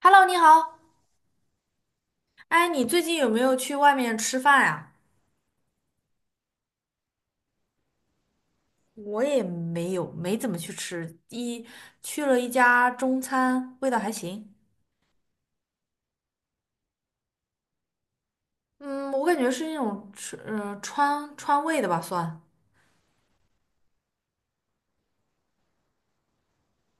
Hello，你好。哎，你最近有没有去外面吃饭呀？我也没有，没怎么去吃，一去了一家中餐，味道还行。嗯，我感觉是那种吃，川味的吧，算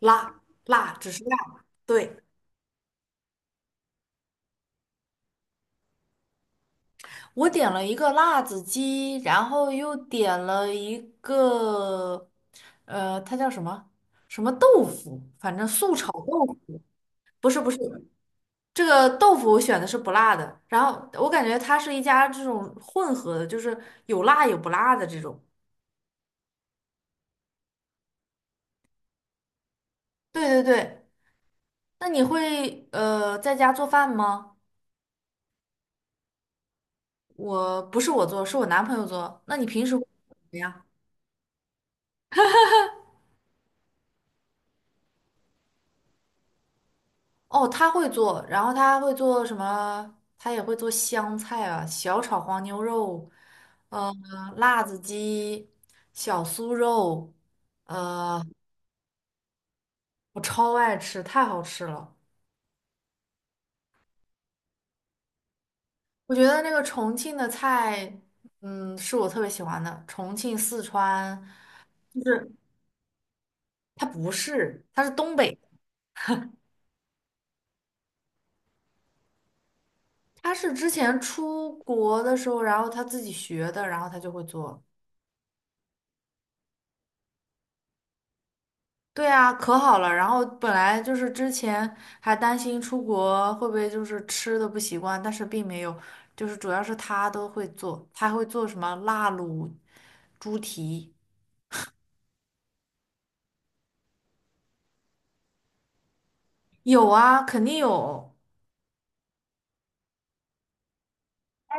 辣辣，只是辣。对，我点了一个辣子鸡，然后又点了一个，它叫什么什么豆腐，反正素炒豆腐，不是，这个豆腐我选的是不辣的，然后我感觉它是一家这种混合的，就是有辣有不辣的这种。对对对，那你会在家做饭吗？不是我做，是我男朋友做。那你平时会做什么样？哦，他会做，然后他会做什么？他也会做香菜啊、小炒黄牛肉、呃，辣子鸡、小酥肉，呃，我超爱吃，太好吃了。我觉得那个重庆的菜，是我特别喜欢的。重庆、四川，就是它不是，它是东北，它是之前出国的时候，然后他自己学的，然后他就会做。对啊，可好了。然后本来就是之前还担心出国会不会就是吃的不习惯，但是并没有，就是主要是他都会做，他还会做什么辣卤猪蹄，有啊，肯定有。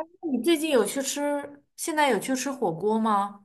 那你最近有去吃，现在有去吃火锅吗？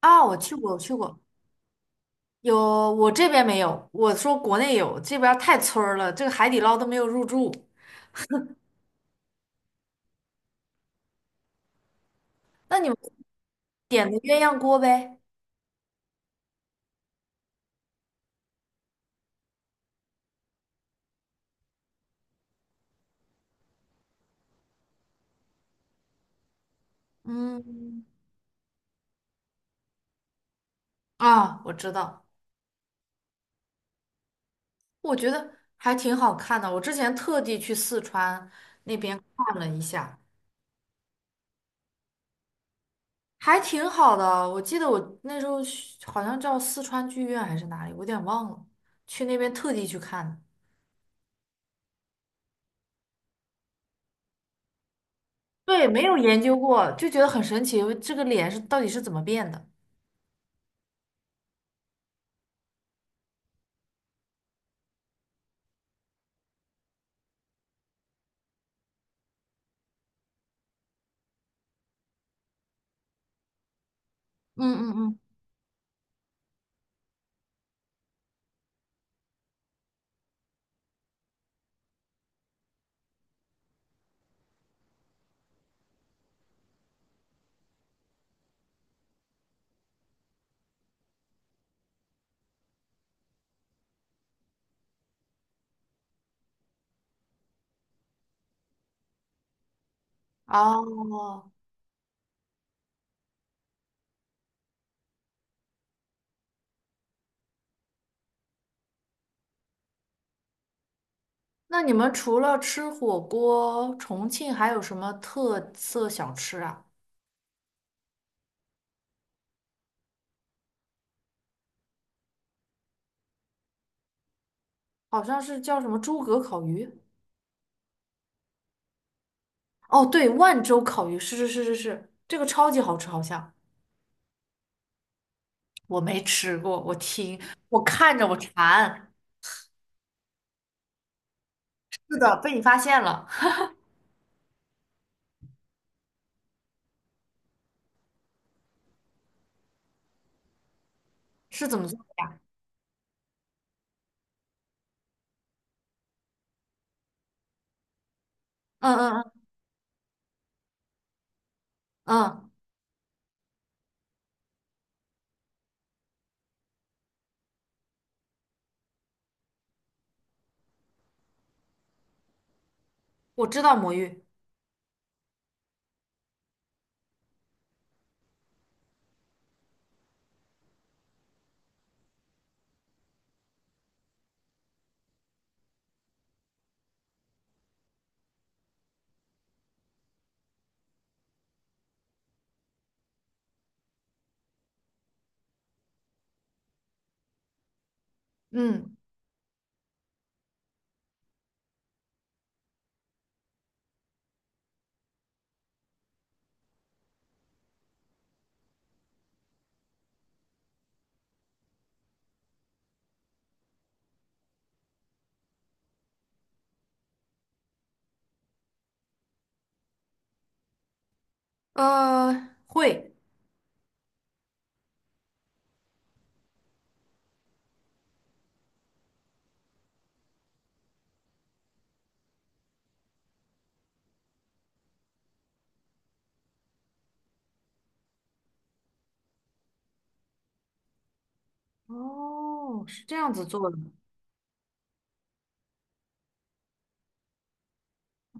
啊，我去过有，我这边没有，我说国内有，这边儿太村儿了，这个海底捞都没有入驻。那你们点的鸳鸯锅呗？嗯，啊，我知道，我觉得还挺好看的。我之前特地去四川那边看了一下，还挺好的。我记得我那时候去好像叫四川剧院还是哪里，我有点忘了，去那边特地去看的。对，没有研究过，就觉得很神奇，这个脸是到底是怎么变的？嗯嗯嗯。哦，那你们除了吃火锅，重庆还有什么特色小吃啊？好像是叫什么诸葛烤鱼。哦，对，万州烤鱼，是是是是是，这个超级好吃，好像我没吃过，我看着我馋。是的，被你发现了，是怎么做的？嗯嗯嗯嗯，我知道魔芋，嗯会。哦，是这样子做的，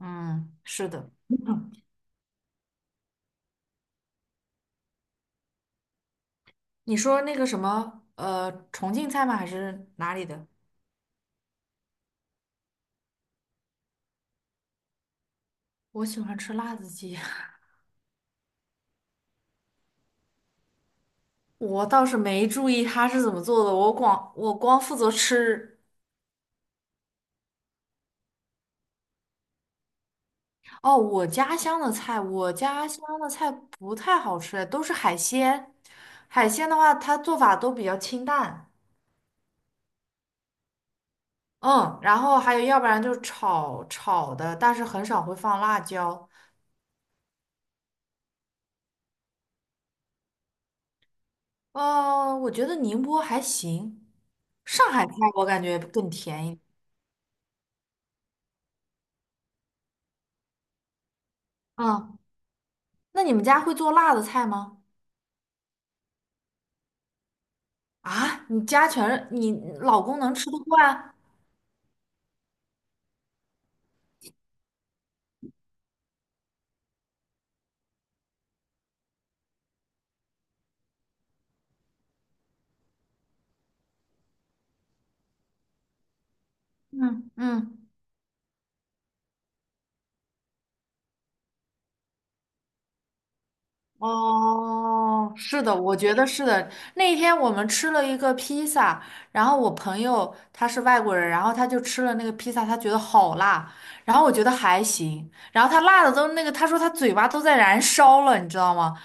嗯，是的。你说那个什么，重庆菜吗？还是哪里的？我喜欢吃辣子鸡，我倒是没注意它是怎么做的，我光负责吃。哦，我家乡的菜，我家乡的菜不太好吃，都是海鲜。海鲜的话，它做法都比较清淡，嗯，然后还有要不然就是炒炒的，但是很少会放辣椒。我觉得宁波还行，上海菜我感觉更甜一点。嗯。那你们家会做辣的菜吗？啊，你家全是你老公能吃得惯？嗯嗯，哦，是的，我觉得是的。那天我们吃了一个披萨，然后我朋友他是外国人，然后他就吃了那个披萨，他觉得好辣，然后我觉得还行，然后他辣的都那个，他说他嘴巴都在燃烧了，你知道吗？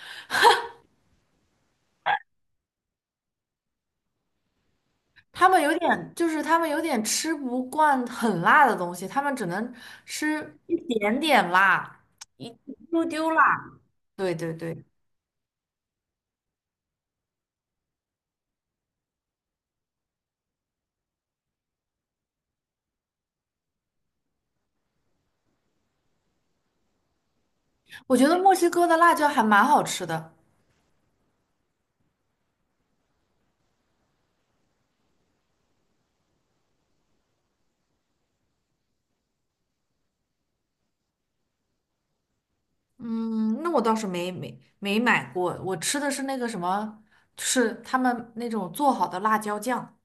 他们有点吃不惯很辣的东西，他们只能吃一点点辣，一丢丢辣。对对对，我觉得墨西哥的辣椒还蛮好吃的。嗯，那我倒是没买过，我吃的是那个什么，是他们那种做好的辣椒酱。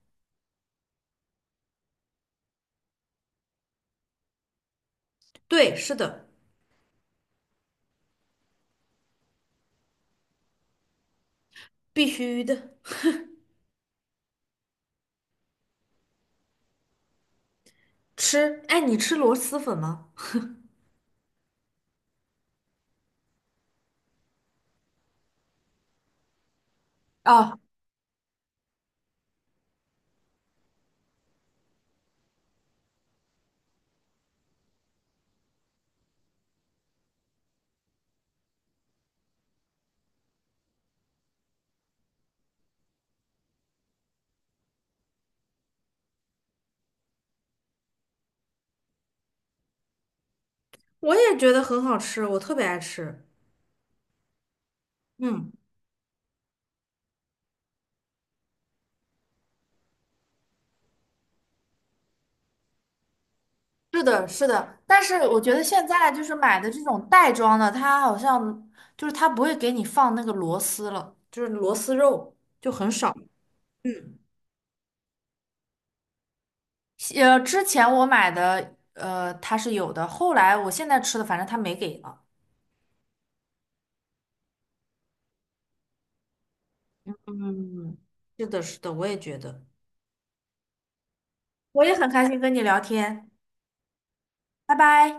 对，是的，必须的。吃，哎，你吃螺蛳粉吗？啊，我也觉得很好吃，我特别爱吃。嗯，是的，是的，但是我觉得现在就是买的这种袋装的，它好像就是它不会给你放那个螺丝了，就是螺丝肉就很少。之前我买的，它是有的，后来我现在吃的，反正他没给了。嗯，是的，是的，我也觉得。我也很开心跟你聊天，拜拜。